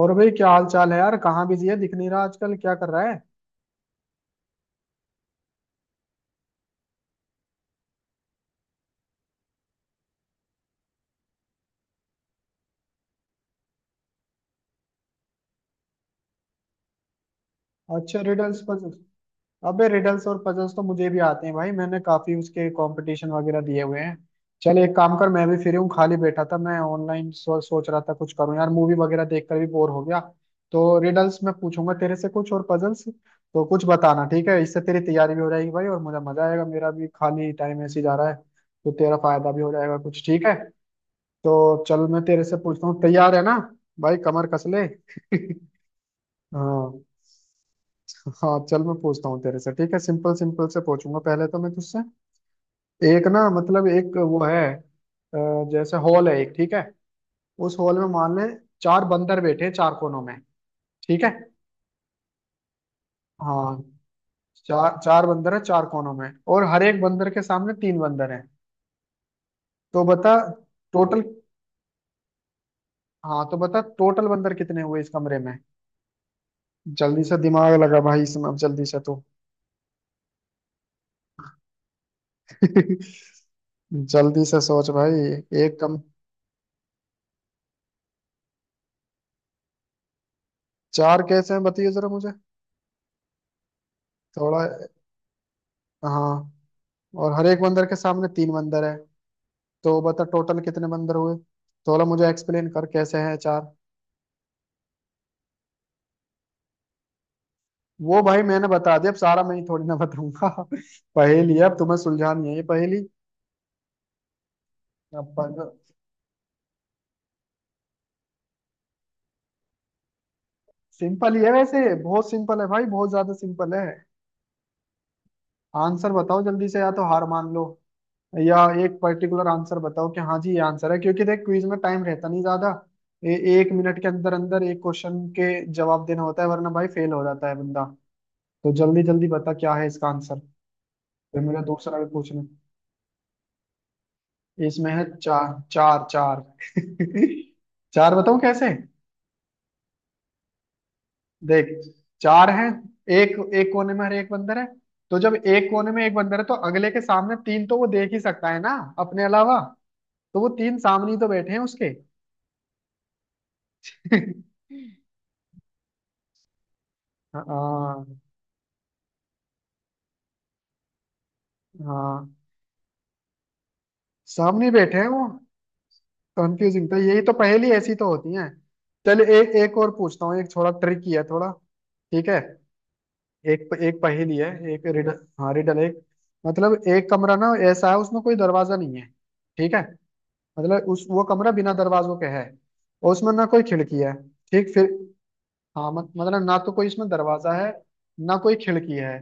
और भाई क्या हाल चाल है यार। कहाँ बिजी है, दिख नहीं रहा आजकल। क्या कर रहा है? अच्छा, रिडल्स पजल्स। अबे रिडल्स और पजल्स तो मुझे भी आते हैं भाई, मैंने काफी उसके कंपटीशन वगैरह दिए हुए हैं। चल एक काम कर, मैं भी फ्री हूँ, खाली बैठा था मैं ऑनलाइन, सोच रहा था कुछ करूँ यार, मूवी वगैरह देखकर भी बोर हो गया। तो रिडल्स मैं पूछूंगा तेरे से कुछ, और पजल्स तो कुछ बताना, ठीक है। इससे तेरी तैयारी भी हो जाएगी भाई और मुझे मजा आएगा, मेरा भी खाली टाइम ऐसे ही जा रहा है, तो तेरा फायदा भी हो जाएगा कुछ, ठीक है। तो चल मैं तेरे से पूछता हूँ, तैयार है ना। भाई कमर कस ले। हाँ। हाँ चल मैं पूछता हूँ तेरे से, ठीक है। सिंपल सिंपल से पूछूंगा पहले तो मैं तुझसे, एक ना मतलब एक वो है, जैसे हॉल है एक, ठीक है। उस हॉल में मान ले चार बंदर बैठे हैं चार कोनों में, ठीक है। हाँ। चार चार बंदर है चार कोनों में, और हर एक बंदर के सामने तीन बंदर हैं। तो बता टोटल, हाँ तो बता टोटल बंदर कितने हुए इस कमरे में। जल्दी से दिमाग लगा भाई इसमें, अब जल्दी से तू। जल्दी से सोच भाई, एक कम। चार कैसे हैं बताइए जरा मुझे, थोड़ा। हाँ और हर एक बंदर के सामने तीन बंदर है, तो बता टोटल कितने बंदर हुए। थोड़ा मुझे एक्सप्लेन कर कैसे हैं चार। वो भाई मैंने बता दिया, अब सारा मैं ही थोड़ी ना बताऊंगा। पहेली है, अब तुम्हें सुलझानी है ये पहेली। अब सिंपल ही है वैसे, बहुत सिंपल है भाई, बहुत ज्यादा सिंपल है। आंसर बताओ जल्दी से, या तो हार मान लो, या एक पर्टिकुलर आंसर बताओ कि हाँ जी ये आंसर है। क्योंकि देख क्विज में टाइम रहता नहीं ज्यादा, ए, एक मिनट के अंदर अंदर एक क्वेश्चन के जवाब देना होता है, वरना भाई फेल हो जाता है बंदा। तो जल्दी जल्दी बता क्या है इसका आंसर, फिर मुझे दूसरा भी पूछना। इसमें है चार, चार चार। चार बताऊं कैसे। देख चार है, एक एक कोने में हर एक बंदर है। तो जब एक कोने में एक बंदर है तो अगले के सामने तीन, तो वो देख ही सकता है ना अपने अलावा। तो वो तीन सामने ही तो बैठे हैं उसके। हाँ। हाँ सामने बैठे हैं वो। कंफ्यूजिंग तो यही तो, पहेली ऐसी तो होती है। चल एक एक और पूछता हूँ, एक थोड़ा ट्रिकी है थोड़ा, ठीक है। एक एक पहेली है, एक रिडल, हाँ रिडल एक, मतलब एक कमरा ना ऐसा है उसमें कोई दरवाजा नहीं है, ठीक है। मतलब उस वो कमरा बिना दरवाजों के है, और उसमें ना कोई खिड़की है। ठीक फिर। हाँ मत, मतलब ना तो कोई इसमें दरवाजा है, ना कोई खिड़की है,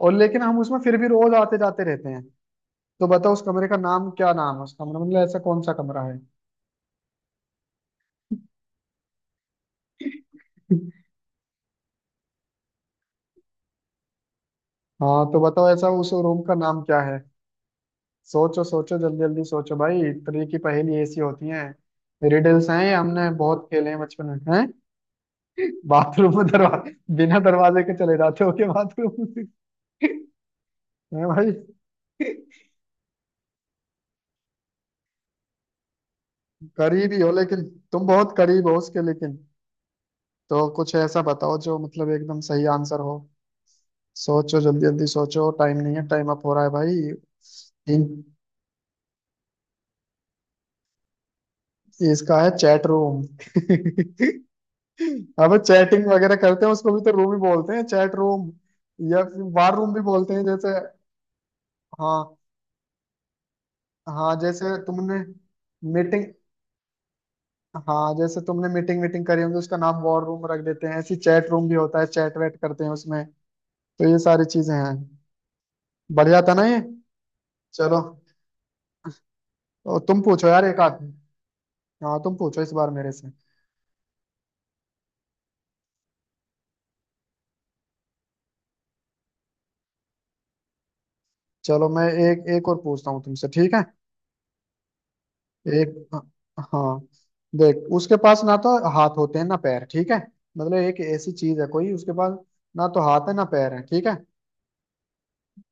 और लेकिन हम उसमें फिर भी रोज आते जाते रहते हैं। तो बताओ उस कमरे का नाम क्या, नाम है उस कमरे, मतलब ऐसा कौन सा कमरा है। हाँ तो बताओ ऐसा उस रूम का नाम क्या है। सोचो सोचो जल्दी जल्दी सोचो भाई, इतनी की पहेली ऐसी होती हैं। रिडल्स हैं ये, हमने बहुत खेले हैं बचपन में हैं। बाथरूम में दरवाजे, बिना दरवाजे के चले जाते हो के बाथरूम में। हैं भाई, करीब ही हो लेकिन, तुम बहुत करीब हो उसके लेकिन। तो कुछ ऐसा बताओ जो मतलब एकदम सही आंसर हो। सोचो जल्दी जल्दी सोचो, टाइम नहीं है, टाइम अप हो रहा है भाई। तीन। इसका है चैट रूम। अब चैटिंग वगैरह करते हैं उसको भी तो रूम ही बोलते हैं, चैट रूम, या फिर वार रूम भी बोलते हैं जैसे। हाँ। हाँ जैसे तुमने मीटिंग, हाँ जैसे तुमने मीटिंग मीटिंग करी होगी उसका नाम वॉर रूम रख देते हैं, ऐसी चैट रूम भी होता है, चैट वैट करते हैं उसमें। तो ये सारी चीजें हैं। बढ़िया था ना ये। चलो। और तुम पूछो यार एक आध। हाँ तुम पूछो इस बार मेरे से। चलो मैं एक एक और पूछता हूँ तुमसे, ठीक है। एक, हाँ, देख उसके पास ना तो हाथ होते हैं ना पैर, ठीक है। मतलब एक ऐसी चीज है कोई उसके पास ना तो हाथ है ना पैर है, ठीक है।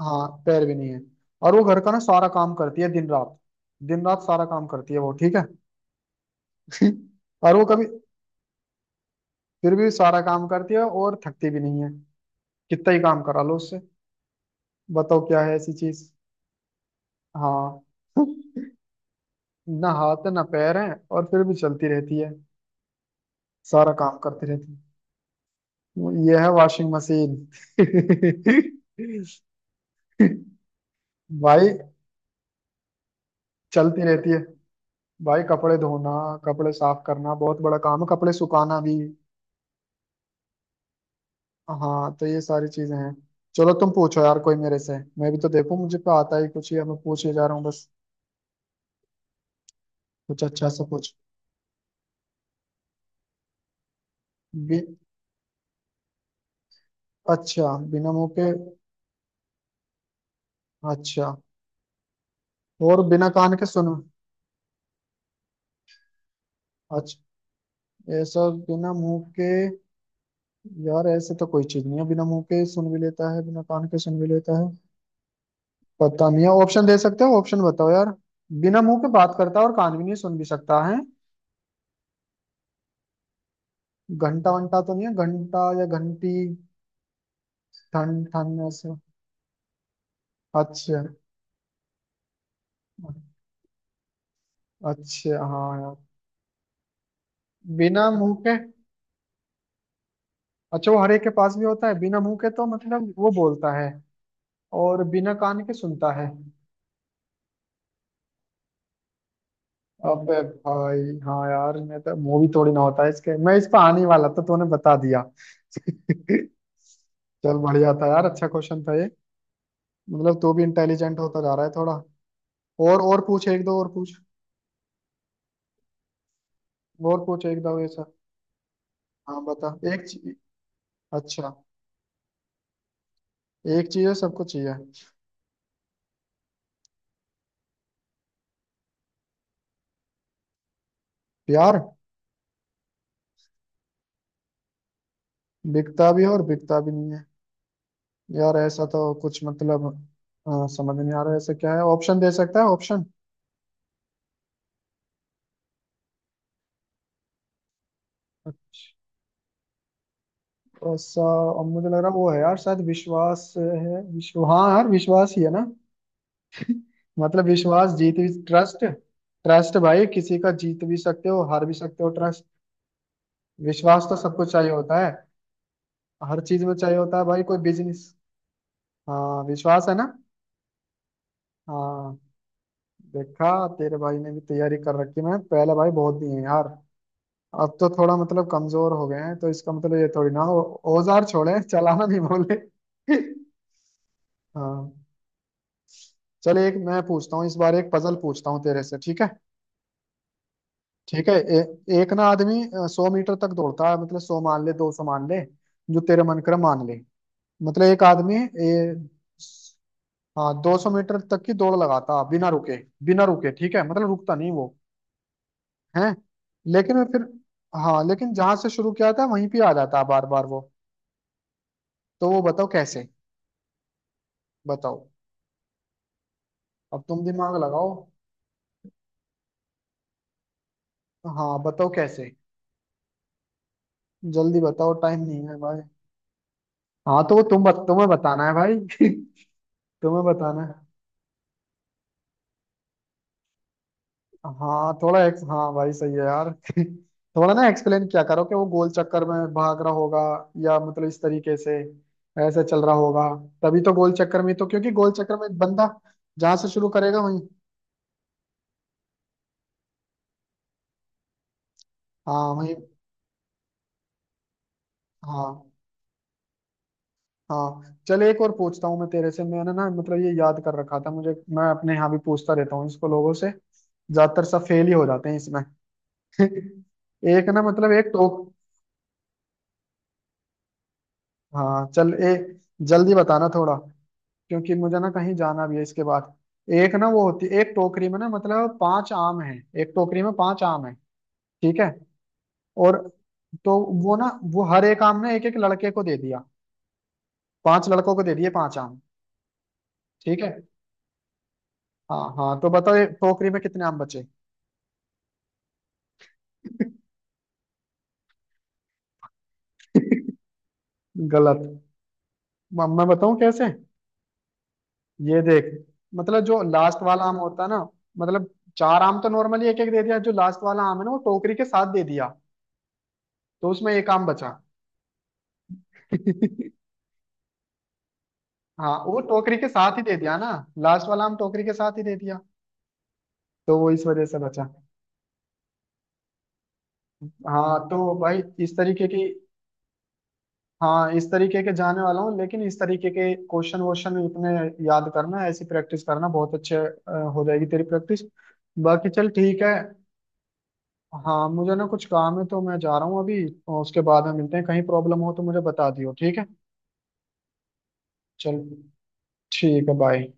हाँ पैर भी नहीं है, और वो घर का ना सारा काम करती है दिन रात। दिन रात सारा काम करती है वो, ठीक है। और वो कभी, फिर भी सारा काम करती है और थकती भी नहीं है। कितना ही काम करा लो उससे। बताओ क्या है ऐसी चीज। हाँ। ना हाथ है ना पैर है और फिर भी चलती रहती है, सारा काम करती रहती है। ये है वॉशिंग मशीन। भाई चलती रहती है भाई, कपड़े धोना, कपड़े साफ करना बहुत बड़ा काम है, कपड़े सुखाना भी। हाँ तो ये सारी चीजें हैं। चलो तुम पूछो यार कोई मेरे से, मैं भी तो देखूं। मुझे तो आता ही कुछ ही है, मैं पूछे जा रहा हूँ बस। कुछ अच्छा सा कुछ। बि, अच्छा बिना मुंह के। अच्छा, और बिना कान के सुन। अच्छा, ऐसा बिना मुंह के। यार ऐसे तो कोई चीज नहीं है, बिना मुंह के सुन भी लेता है बिना कान के सुन भी लेता है। पता नहीं है, ऑप्शन दे सकते हो, ऑप्शन बताओ यार। बिना मुंह के बात करता है, और कान भी नहीं, सुन भी सकता है। घंटा वंटा तो नहीं है, घंटा या घंटी, ठन ठन ऐसे। अच्छा। अच्छा हाँ यार, बिना मुंह के, अच्छा वो हर एक के पास भी होता है, बिना मुंह के तो मतलब वो बोलता है, और बिना कान के सुनता है। अबे भाई हाँ यार, मैं तो, मुंह भी थोड़ी ना होता है इसके, मैं इस पर आने ही वाला था तो तूने बता दिया। चल बढ़िया था यार, अच्छा क्वेश्चन था ये। मतलब तू भी इंटेलिजेंट होता जा रहा है थोड़ा। और पूछ, एक दो और पूछ। और पूछ एक दो ऐसा। हाँ बता एक अच्छा एक चीज है सबको चाहिए। प्यार। बिकता भी है और बिकता भी नहीं है। यार ऐसा तो कुछ मतलब, समझ नहीं आ रहा है ऐसा क्या है, ऑप्शन दे सकता है ऑप्शन। अच्छा ऐसा। अब मुझे लग रहा है वो है यार, शायद विश्वास है, विश्व हाँ यार विश्वास ही है ना। मतलब विश्वास जीत भी, ट्रस्ट, ट्रस्ट भाई, किसी का जीत भी सकते हो हार भी सकते हो ट्रस्ट। विश्वास तो सबको चाहिए होता है, हर चीज में चाहिए होता है भाई, कोई बिजनेस। हाँ विश्वास है ना। हाँ देखा, तेरे भाई ने भी तैयारी कर रखी। मैं पहले भाई बहुत दिए हैं यार। अब तो थोड़ा मतलब कमजोर हो गए हैं, तो इसका मतलब ये थोड़ी ना हो, औजार छोड़े चलाना नहीं बोले। हाँ। चले, एक मैं पूछता हूँ इस बार, एक पजल पूछता हूँ तेरे से, ठीक है। ठीक है, एक ना आदमी सौ मीटर तक दौड़ता है, मतलब सौ मान ले दो सौ मान ले, जो तेरे मन करे मान ले। मतलब एक आदमी, हाँ 200 मीटर तक की दौड़ लगाता बिना रुके, बिना रुके ठीक है, मतलब रुकता नहीं वो, है। लेकिन मैं फिर, हाँ लेकिन जहां से शुरू किया था वहीं पे आ जाता बार बार वो। तो वो बताओ कैसे। बताओ, अब तुम दिमाग लगाओ। हाँ बताओ कैसे, जल्दी बताओ टाइम नहीं है भाई। हाँ तो वो तुम तुम्हें बताना है भाई। तुम्हें बताना है। हाँ थोड़ा हाँ भाई सही है यार। थोड़ा ना एक्सप्लेन किया करो कि वो गोल चक्कर में भाग रहा होगा, या मतलब इस तरीके से ऐसे चल रहा होगा। तभी तो, गोल चक्कर में तो, क्योंकि गोल चक्कर में बंदा जहां से शुरू करेगा वहीं। हाँ वहीं। हाँ हाँ चल एक और पूछता हूँ मैं तेरे से। मैंने ना मतलब ये याद कर रखा था मुझे, मैं अपने यहाँ भी पूछता रहता हूँ इसको, लोगों से ज्यादातर सब फेल ही हो जाते हैं इसमें। एक ना मतलब एक टोक हाँ चल, ए, जल्दी बताना थोड़ा क्योंकि मुझे ना कहीं जाना भी है इसके बाद। एक ना वो होती, एक टोकरी में ना मतलब पांच आम हैं। एक टोकरी में पांच आम हैं, ठीक है। और तो वो ना, वो हर एक आम ने एक एक लड़के को दे दिया, पांच लड़कों को दे दिए पांच आम, ठीक है। हाँ हाँ तो बताओ ये टोकरी में कितने आम बचे। गलत। मैं बताऊं कैसे, ये देख, मतलब जो लास्ट वाला आम होता है ना, मतलब चार आम तो नॉर्मली एक एक दे दिया, जो लास्ट वाला आम है ना वो टोकरी के साथ दे दिया, तो उसमें एक आम बचा। हाँ वो टोकरी के साथ ही दे दिया ना। लास्ट वाला हम टोकरी के साथ ही दे दिया, तो वो इस वजह से बचा। हाँ तो भाई इस तरीके की, हाँ इस तरीके के जाने वाला हूँ, लेकिन इस तरीके के क्वेश्चन वोश्चन इतने याद करना, ऐसी प्रैक्टिस करना, बहुत अच्छे हो जाएगी तेरी प्रैक्टिस, बाकी चल ठीक है। हाँ मुझे ना कुछ काम है तो मैं जा रहा हूँ अभी, और उसके बाद हम मिलते हैं। कहीं प्रॉब्लम हो तो मुझे बता दियो, ठीक है। चल, ठीक है, बाय।